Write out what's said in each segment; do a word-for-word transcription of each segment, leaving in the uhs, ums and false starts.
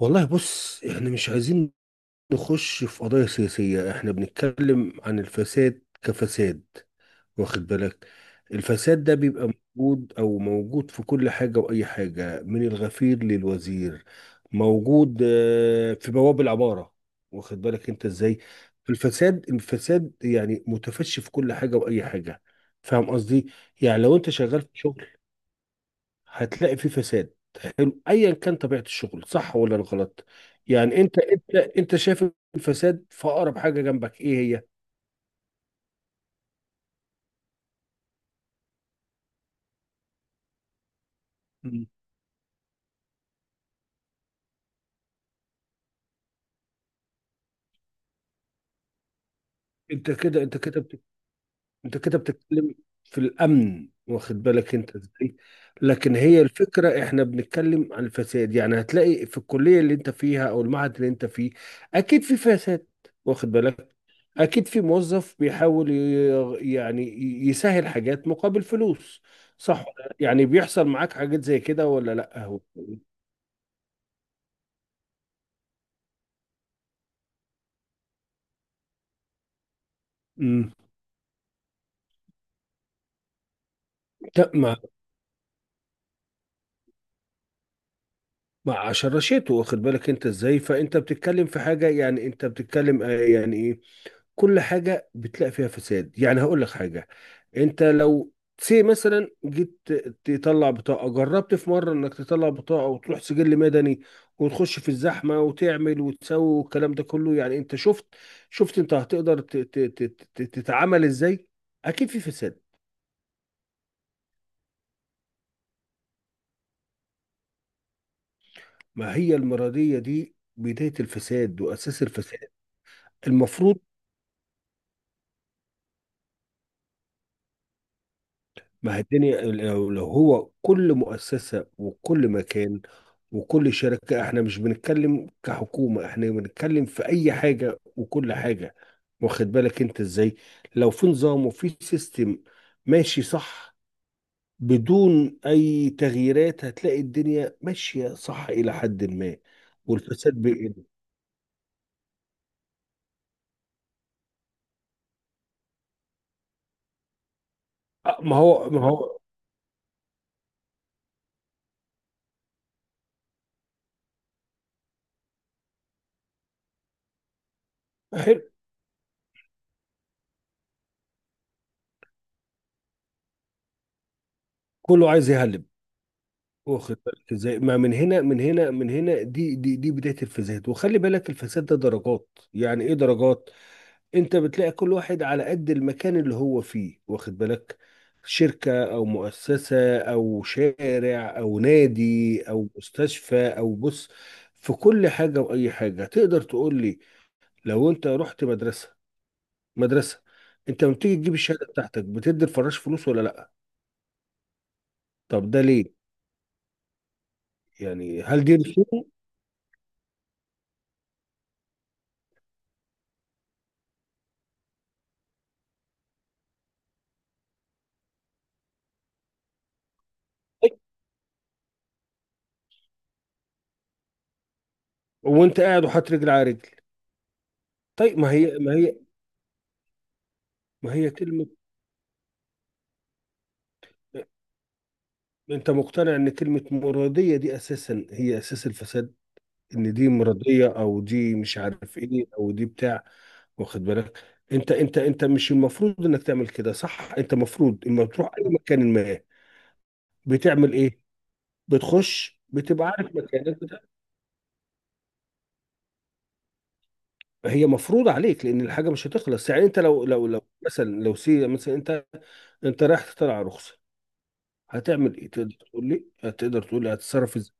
والله بص احنا مش عايزين نخش في قضايا سياسية. احنا بنتكلم عن الفساد كفساد، واخد بالك. الفساد ده بيبقى موجود او موجود في كل حاجة واي حاجة، من الغفير للوزير. موجود آه، في بواب العمارة، واخد بالك انت ازاي. الفساد الفساد يعني متفشي في كل حاجة واي حاجة، فاهم قصدي. يعني لو انت شغال في شغل هتلاقي في فساد، حلو، ايا كان طبيعه الشغل، صح ولا غلط. يعني انت انت انت شايف الفساد في اقرب حاجه جنبك ايه هي؟ مم. انت كده انت كده انت كده بتتكلم في الامن، واخد بالك انت ازاي. لكن هي الفكره، احنا بنتكلم عن الفساد. يعني هتلاقي في الكليه اللي انت فيها او المعهد اللي انت فيه اكيد في فساد، واخد بالك. اكيد في موظف بيحاول ي- يعني يسهل حاجات مقابل فلوس. صح ولا لا؟ يعني بيحصل معاك حاجات زي كده ولا لا؟ هو امم مع مع شرشته، واخد بالك انت ازاي. فانت بتتكلم في حاجه، يعني انت بتتكلم، آه، يعني ايه؟ كل حاجة بتلاقي فيها فساد. يعني هقول لك حاجة، انت لو سي مثلا جيت تطلع بطاقة. جربت في مرة انك تطلع بطاقة وتروح سجل مدني وتخش في الزحمة وتعمل وتسوي والكلام ده كله؟ يعني انت شفت شفت انت هتقدر ت- ت- ت- ت- تتعامل ازاي. اكيد في فساد. ما هي المرضية دي بداية الفساد واساس الفساد. المفروض ما هي الدنيا، لو لو هو كل مؤسسة وكل مكان وكل شركة، احنا مش بنتكلم كحكومة، احنا بنتكلم في اي حاجة وكل حاجة، واخد بالك انت ازاي. لو في نظام وفي سيستم ماشي صح بدون اي تغييرات، هتلاقي الدنيا ماشية صح الى حد ما، والفساد بيقل. آه، ما هو ما هو حلو. كله عايز يهلب، واخد بالك ازاي. ما من هنا من هنا من هنا، دي دي دي بدايه الفساد. وخلي بالك الفساد ده درجات، يعني ايه درجات؟ انت بتلاقي كل واحد على قد المكان اللي هو فيه، واخد بالك. شركه او مؤسسه او شارع او نادي او مستشفى او بص، في كل حاجه واي حاجه. تقدر تقول لي، لو انت رحت مدرسه مدرسه، انت لما بتيجي تجيب الشهاده بتاعتك بتدي الفراش فلوس ولا لا؟ طب ده ليه؟ يعني هل دي رسوم؟ وانت قاعد وحاطط رجل على رجل. طيب، ما هي ما هي ما هي كلمة، أنت مقتنع إن كلمة مرادية دي أساسا هي أساس الفساد؟ إن دي مرادية أو دي مش عارف إيه أو دي بتاع، واخد بالك. أنت أنت أنت مش المفروض إنك تعمل كده، صح؟ أنت المفروض إما بتروح أي مكان ما بتعمل إيه؟ بتخش بتبقى عارف مكانك بتاع. هي مفروض عليك لأن الحاجة مش هتخلص. يعني أنت لو لو لو مثلا لو سي مثلا أنت، أنت رايح تطلع رخصة، هتعمل إيه؟ تقدر تقول لي؟ هتقدر تقول لي هتتصرف إزاي؟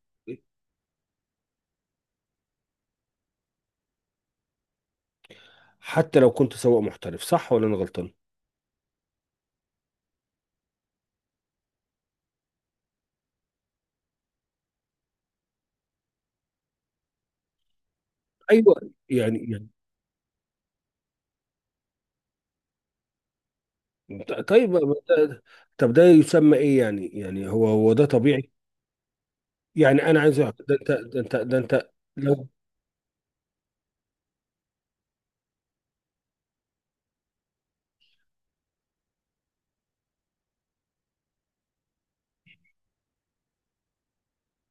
حتى لو كنت سواق محترف، صح ولا انا غلطان؟ ايوه، يعني يعني ط- طيب، ما ده-، طب ده يسمى ايه؟ يعني يعني هو هو ده طبيعي؟ يعني انا عايز أعرف، ده انت ده انت ده انت لو،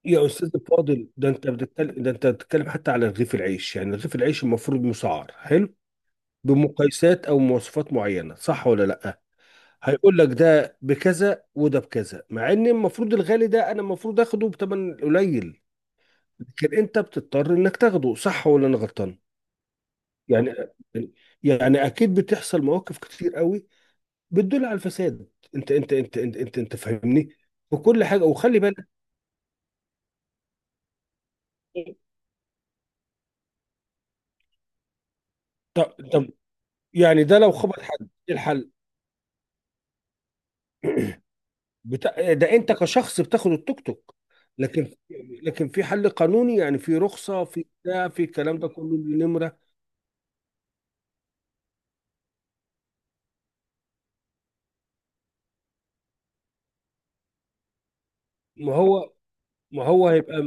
يا استاذ الفاضل، ده انت بتتكلم، ده انت بتتكلم حتى على رغيف العيش. يعني رغيف العيش المفروض مسعر، حلو، بمقايسات او مواصفات معينه، صح ولا لا؟ هيقول لك ده بكذا وده بكذا، مع ان المفروض الغالي ده انا المفروض اخده بثمن قليل. لكن انت بتضطر انك تاخده، صح ولا انا غلطان؟ يعني يعني اكيد بتحصل مواقف كتير قوي بتدل على الفساد. انت انت انت انت انت, انت فاهمني، وكل حاجه، وخلي بالك. طب طب، يعني ده لو خبط حد ايه الحل؟ بتا... ده انت كشخص بتاخد التوك توك. لكن لكن في حل قانوني، يعني في رخصه، في بتاع، في الكلام ده كله، ليه نمره؟ ما هو ما هو هيبقى،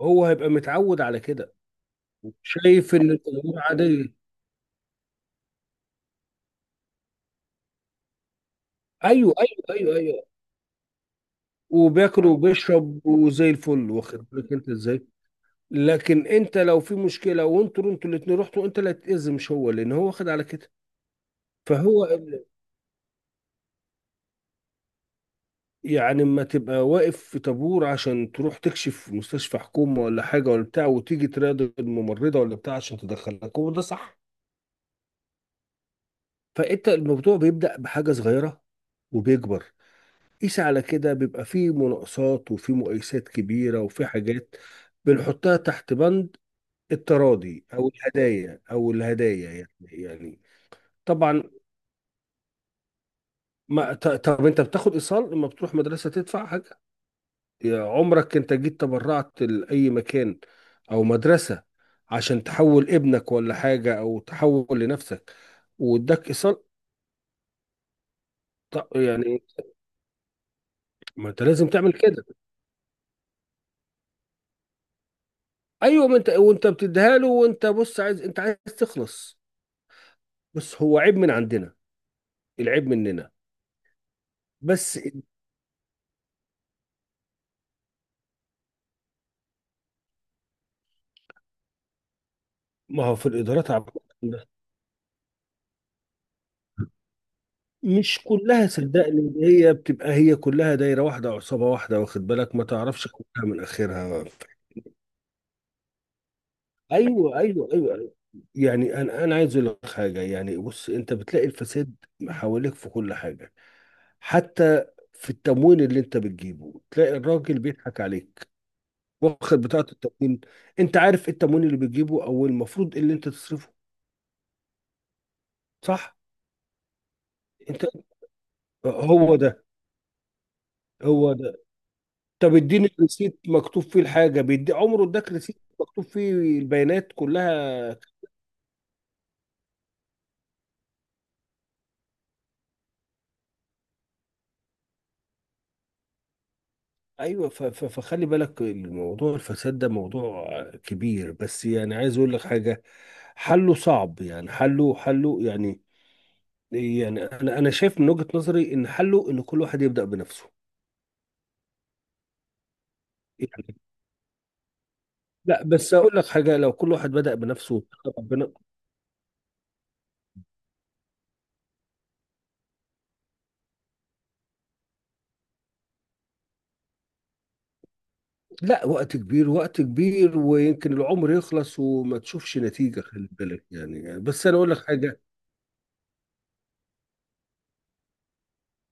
هو هيبقى متعود على كده، شايف ان الامور عاديه. ايوه ايوه ايوه ايوه، وبياكل وبيشرب وزي الفل، واخد بالك انت ازاي. لكن انت لو في مشكله وانتوا انتوا الاتنين رحتوا، انت اللي هتتاذي مش هو، لان هو واخد على كده. فهو ال- يعني ما تبقى واقف في طابور عشان تروح تكشف في مستشفى حكومه ولا حاجه ولا بتاع، وتيجي تراضي الممرضه ولا بتاع عشان تدخلك، هو ده صح؟ فانت الموضوع بيبدا بحاجه صغيره وبيكبر. قيس على كده، بيبقى فيه مناقصات وفيه مقايسات كبيره وفيه حاجات بنحطها تحت بند التراضي او الهدايا او الهدايا، يعني يعني. طبعا. ما ط- طب انت بتاخد ايصال لما بتروح مدرسه تدفع حاجه؟ يا عمرك انت جيت تبرعت لاي مكان او مدرسه عشان تحول ابنك ولا حاجه او تحول لنفسك، واداك ايصال؟ طب يعني، ما انت لازم تعمل كده. ايوه، ما انت وانت بتديها له وانت بص عايز، انت عايز تخلص. بس هو عيب من عندنا، العيب مننا. بس ما هو في الادارات عامة. مش كلها صدقني، هي بتبقى، هي كلها دايره واحده، عصابه واحده، واخد بالك، ما تعرفش كلها من اخرها. ايوه ايوه ايوه أيوة. يعني انا انا عايز اقول لك حاجه، يعني بص، انت بتلاقي الفساد حواليك في كل حاجه، حتى في التموين اللي انت بتجيبه تلاقي الراجل بيضحك عليك، واخد بتاعه التموين. انت عارف إيه التموين اللي بتجيبه، او المفروض إيه اللي انت تصرفه؟ صح. انت، هو ده هو ده. طب اديني الريسيت مكتوب فيه الحاجه، بيدي؟ عمره اداك ريسيت مكتوب فيه البيانات كلها؟ ايوه، ف- ف- فخلي بالك الموضوع الفساد ده موضوع كبير، بس يعني عايز اقول لك حاجه، حله صعب. يعني حله، حله يعني يعني انا انا شايف من وجهه نظري ان حله ان كل واحد يبدا بنفسه. يعني لا، بس اقول لك حاجه، لو كل واحد بدا بنفسه واتقى ربنا. لا، وقت كبير، وقت كبير، ويمكن العمر يخلص وما تشوفش نتيجه، خلي بالك يعني. بس انا اقول لك حاجه،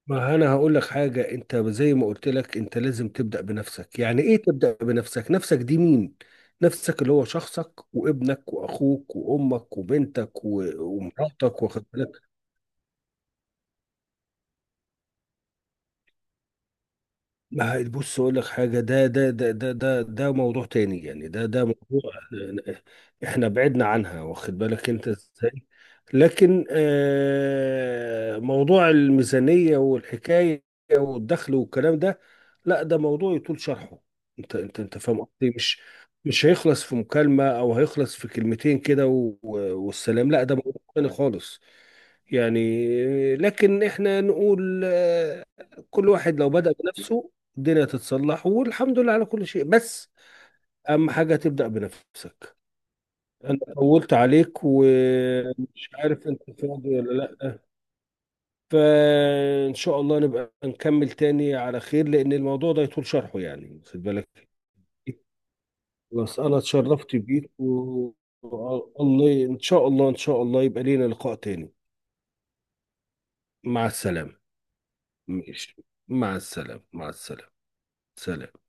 ما انا هقول لك حاجه، انت زي ما قلت لك، انت لازم تبدا بنفسك. يعني ايه تبدا بنفسك؟ نفسك دي مين؟ نفسك اللي هو شخصك وابنك واخوك وامك وبنتك و- ومراتك، واخد بالك؟ ما هي-، بص اقول لك حاجه، ده ده ده ده ده ده موضوع تاني، يعني ده ده موضوع، آه، احنا بعدنا عنها، واخد بالك انت ازاي. لكن آه، موضوع الميزانيه والحكايه والدخل والكلام ده، لا ده موضوع يطول شرحه. انت انت انت فاهم قصدي، مش مش هيخلص في مكالمه او هيخلص في كلمتين كده و- والسلام. لا ده موضوع تاني خالص يعني. لكن احنا نقول آه، كل واحد لو بدأ بنفسه الدنيا تتصلح، والحمد لله على كل شيء. بس اهم حاجه تبدا بنفسك. انا طولت عليك، ومش عارف انت فاضي ولا لا. فان شاء الله نبقى نكمل تاني على خير، لان الموضوع ده يطول شرحه، يعني خد بالك. بس انا اتشرفت بيك و... و- الله ان شاء الله، ان شاء الله يبقى لينا لقاء تاني. مع السلامه. ماشي، مع السلامه، مع السلامه. سلام.